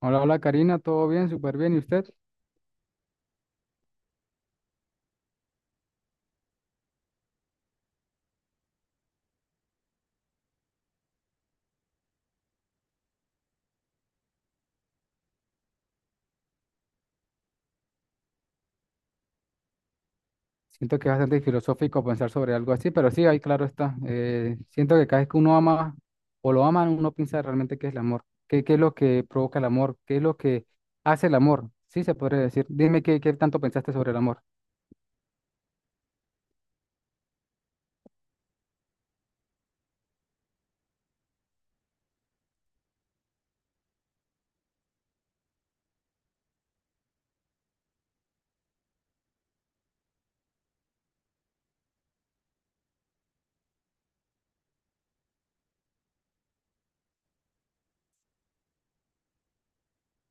Hola, Karina, ¿todo bien? Súper bien. ¿Y usted? Siento que es bastante filosófico pensar sobre algo así, pero sí, ahí claro está. Siento que cada vez que uno ama o lo ama, uno piensa realmente qué es el amor, qué es lo que provoca el amor, qué es lo que hace el amor. Sí, se podría decir. Dime qué tanto pensaste sobre el amor.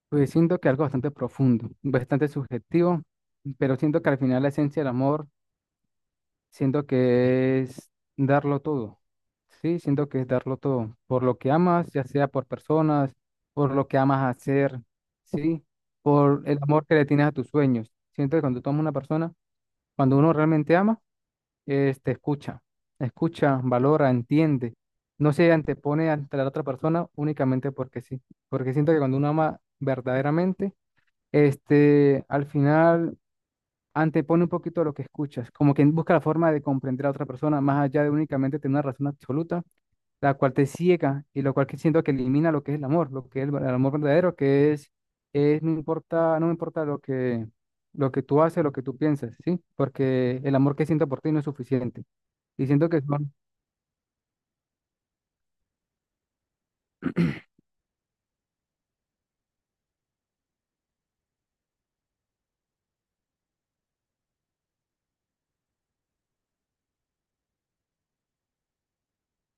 Pues siento que algo bastante profundo, bastante subjetivo, pero siento que al final la esencia del amor siento que es darlo todo. Sí, siento que es darlo todo. Por lo que amas, ya sea por personas, por lo que amas hacer, sí, por el amor que le tienes a tus sueños. Siento que cuando tú amas a una persona, cuando uno realmente ama, es, te escucha, escucha, valora, entiende. No se antepone ante la otra persona únicamente porque sí. Porque siento que cuando uno ama verdaderamente, al final antepone un poquito lo que escuchas, como que busca la forma de comprender a otra persona más allá de únicamente tener una razón absoluta, la cual te ciega y lo cual que siento que elimina lo que es el amor, lo que es el amor verdadero, que es no importa, no me importa lo que tú haces, lo que tú piensas, ¿sí? Porque el amor que siento por ti no es suficiente. Y siento que son...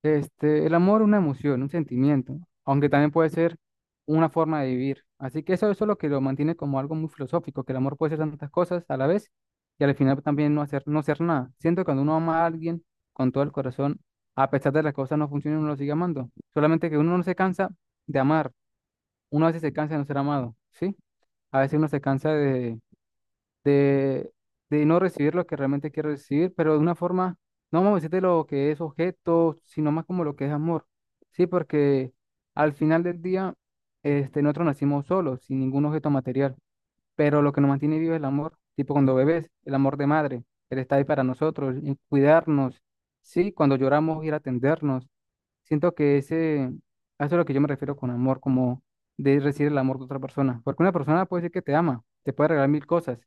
El amor es una emoción, un sentimiento, aunque también puede ser una forma de vivir. Así que eso es lo que lo mantiene como algo muy filosófico, que el amor puede ser tantas cosas a la vez y al final también no hacer, no ser nada. Siento que cuando uno ama a alguien con todo el corazón, a pesar de las cosas no funcionen, uno lo sigue amando. Solamente que uno no se cansa de amar, uno a veces se cansa de no ser amado, ¿sí? A veces uno se cansa de, de no recibir lo que realmente quiero recibir, pero de una forma, no vamos a decir de lo que es objeto, sino más como lo que es amor. Sí, porque al final del día, nosotros nacimos solos, sin ningún objeto material, pero lo que nos mantiene vivo es el amor, tipo cuando bebés, el amor de madre, él está ahí para nosotros, y cuidarnos, sí, cuando lloramos, ir a atendernos. Siento que ese, a eso es lo que yo me refiero con amor, como de recibir el amor de otra persona, porque una persona puede decir que te ama, te puede regalar mil cosas,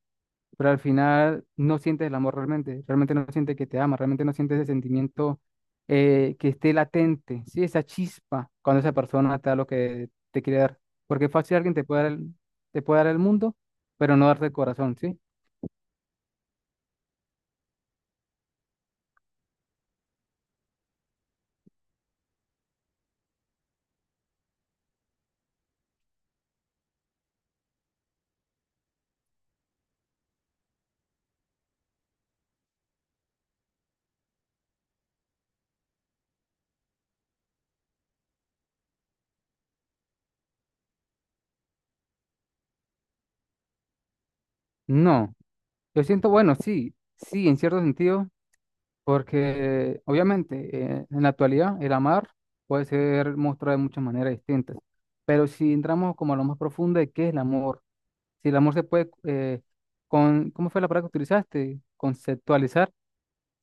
pero al final no sientes el amor realmente, realmente no sientes que te ama, realmente no sientes ese sentimiento que esté latente, ¿sí? Esa chispa cuando esa persona te da lo que te quiere dar. Porque fácil alguien te puede dar te puede dar el mundo, pero no darte el corazón, ¿sí? No, yo siento, bueno, sí, sí, en cierto sentido, porque obviamente en la actualidad el amar puede ser mostrado de muchas maneras distintas, pero si entramos como a lo más profundo de qué es el amor, si el amor se puede, con, ¿cómo fue la palabra que utilizaste? Conceptualizar.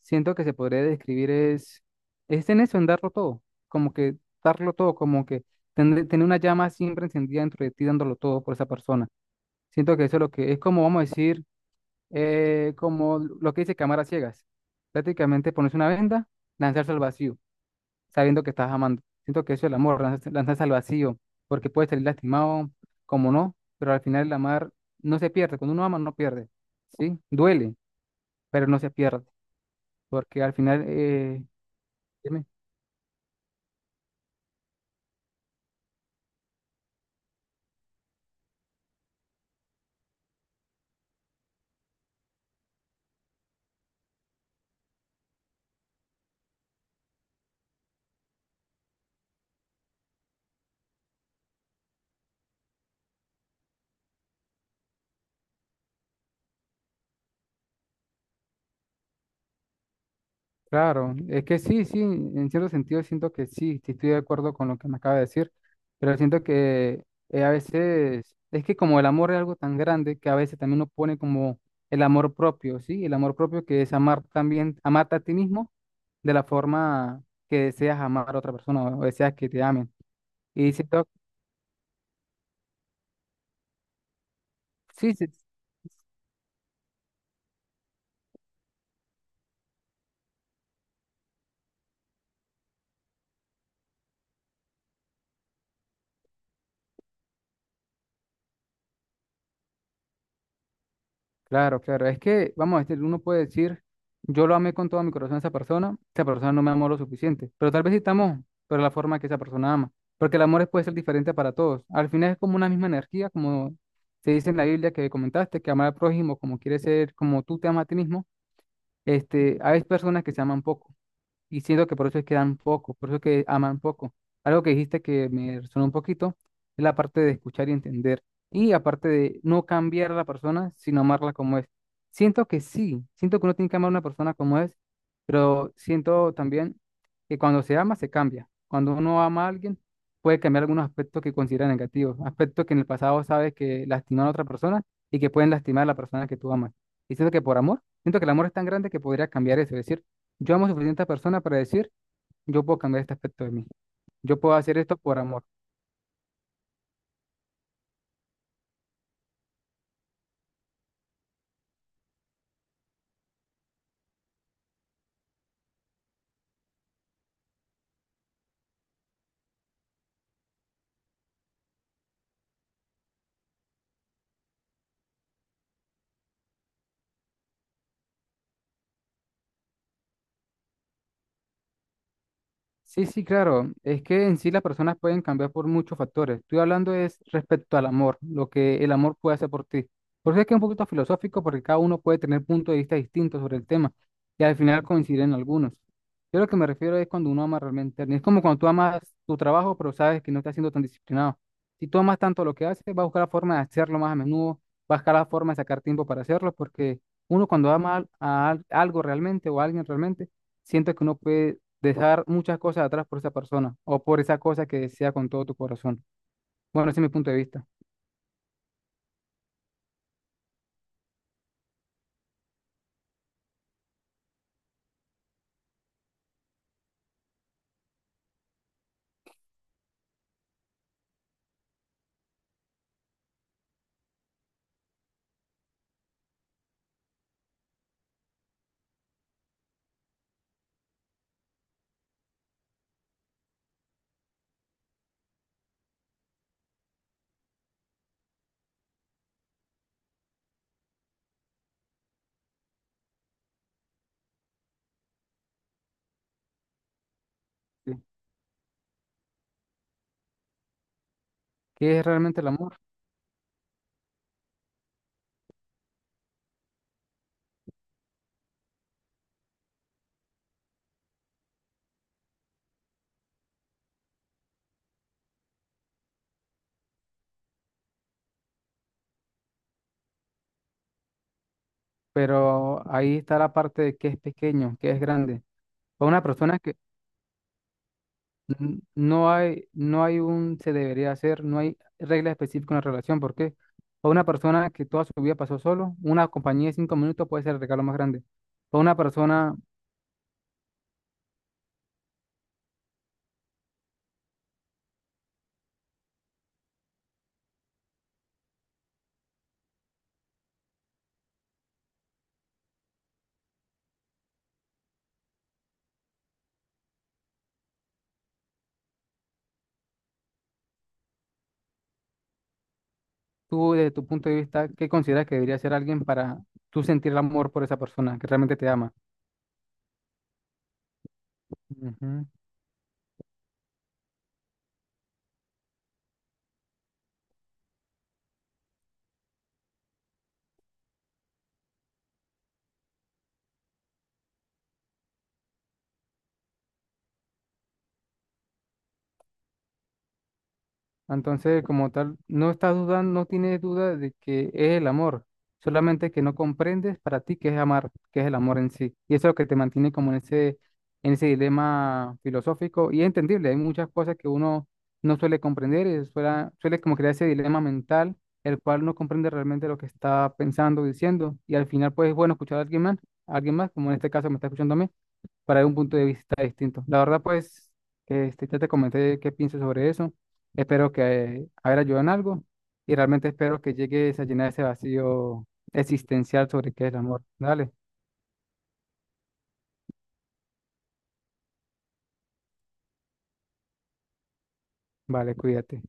Siento que se podría describir es en eso, en darlo todo, como que darlo todo, como que tener una llama siempre encendida dentro de ti, dándolo todo por esa persona. Siento que eso es lo que es como, vamos a decir, como lo que dice cámara ciegas. Prácticamente ponerse una venda, lanzarse al vacío sabiendo que estás amando. Siento que eso es el amor, lanzarse, lanzarse al vacío, porque puedes salir lastimado, como no, pero al final el amar no se pierde. Cuando uno ama, no pierde, ¿sí? Duele, pero no se pierde, porque al final, dime, claro, es que sí, sí, en cierto sentido siento que sí, sí estoy de acuerdo con lo que me acaba de decir, pero siento que a veces, es que como el amor es algo tan grande que a veces también uno pone como el amor propio, ¿sí? El amor propio que es amar también, amarte a ti mismo de la forma que deseas amar a otra persona o deseas que te amen. Y siento, sí, sí, claro, claro, es que, vamos, uno puede decir, yo lo amé con todo mi corazón a esa persona no me amó lo suficiente, pero tal vez sí te amó, pero la forma que esa persona ama, porque el amor es- puede ser diferente para todos. Al final es como una misma energía, como se dice en la Biblia que comentaste, que amar al prójimo como quiere ser, como tú te amas a ti mismo, hay personas que se aman poco. Y siento que por eso es que dan poco, por eso es que aman poco. Algo que dijiste que me resonó un poquito es la parte de escuchar y entender. Y aparte de no cambiar a la persona, sino amarla como es. Siento que sí, siento que uno tiene que amar a una persona como es, pero siento también que cuando se ama, se cambia. Cuando uno ama a alguien, puede cambiar algunos aspectos que considera negativos, aspectos que en el pasado sabes que lastimaron a otra persona y que pueden lastimar a la persona que tú amas. Y siento que por amor, siento que el amor es tan grande que podría cambiar eso, es decir, yo amo suficiente a persona para decir, yo puedo cambiar este aspecto de mí. Yo puedo hacer esto por amor. Sí, sí, claro. Es que en sí las personas pueden cambiar por muchos factores. Estoy hablando es respecto al amor, lo que el amor puede hacer por ti. Por eso es que es un poquito filosófico, porque cada uno puede tener puntos de vista distintos sobre el tema y al final coinciden algunos. Yo lo que me refiero es cuando uno ama realmente a alguien. Es como cuando tú amas tu trabajo, pero sabes que no estás siendo tan disciplinado. Si tú amas tanto lo que haces, vas a buscar la forma de hacerlo más a menudo, vas a buscar la forma de sacar tiempo para hacerlo, porque uno cuando ama al- a al- algo realmente o a alguien realmente, siente que uno puede dejar muchas cosas atrás por esa persona o por esa cosa que desea con todo tu corazón. Bueno, ese es mi punto de vista. Sí. ¿Qué es realmente el amor? Pero ahí está la parte de qué es pequeño, qué es grande. Para una persona que no hay, no hay un se debería hacer, no hay regla específica en la relación. ¿Por qué? Para una persona que toda su vida pasó solo, una compañía de 5 minutos puede ser el regalo más grande. Para una persona, tú desde tu punto de vista, ¿qué consideras que debería ser alguien para tú sentir el amor por esa persona que realmente te ama? Ujú. Entonces, como tal, no estás dudando, no tienes duda de que es el amor, solamente que no comprendes para ti qué es amar, qué es el amor en sí. Y eso es lo que te mantiene como en ese dilema filosófico y es entendible. Hay muchas cosas que uno no suele comprender y suele como crear ese dilema mental, el cual no comprende realmente lo que está pensando, diciendo. Y al final, pues es bueno escuchar a alguien más, como en este caso me está escuchando a mí para dar un punto de vista distinto. La verdad, pues, ya te comenté qué pienso sobre eso. Espero que haber ayudado en algo y realmente espero que llegues a llenar ese vacío existencial sobre qué es el amor. Dale, vale, cuídate.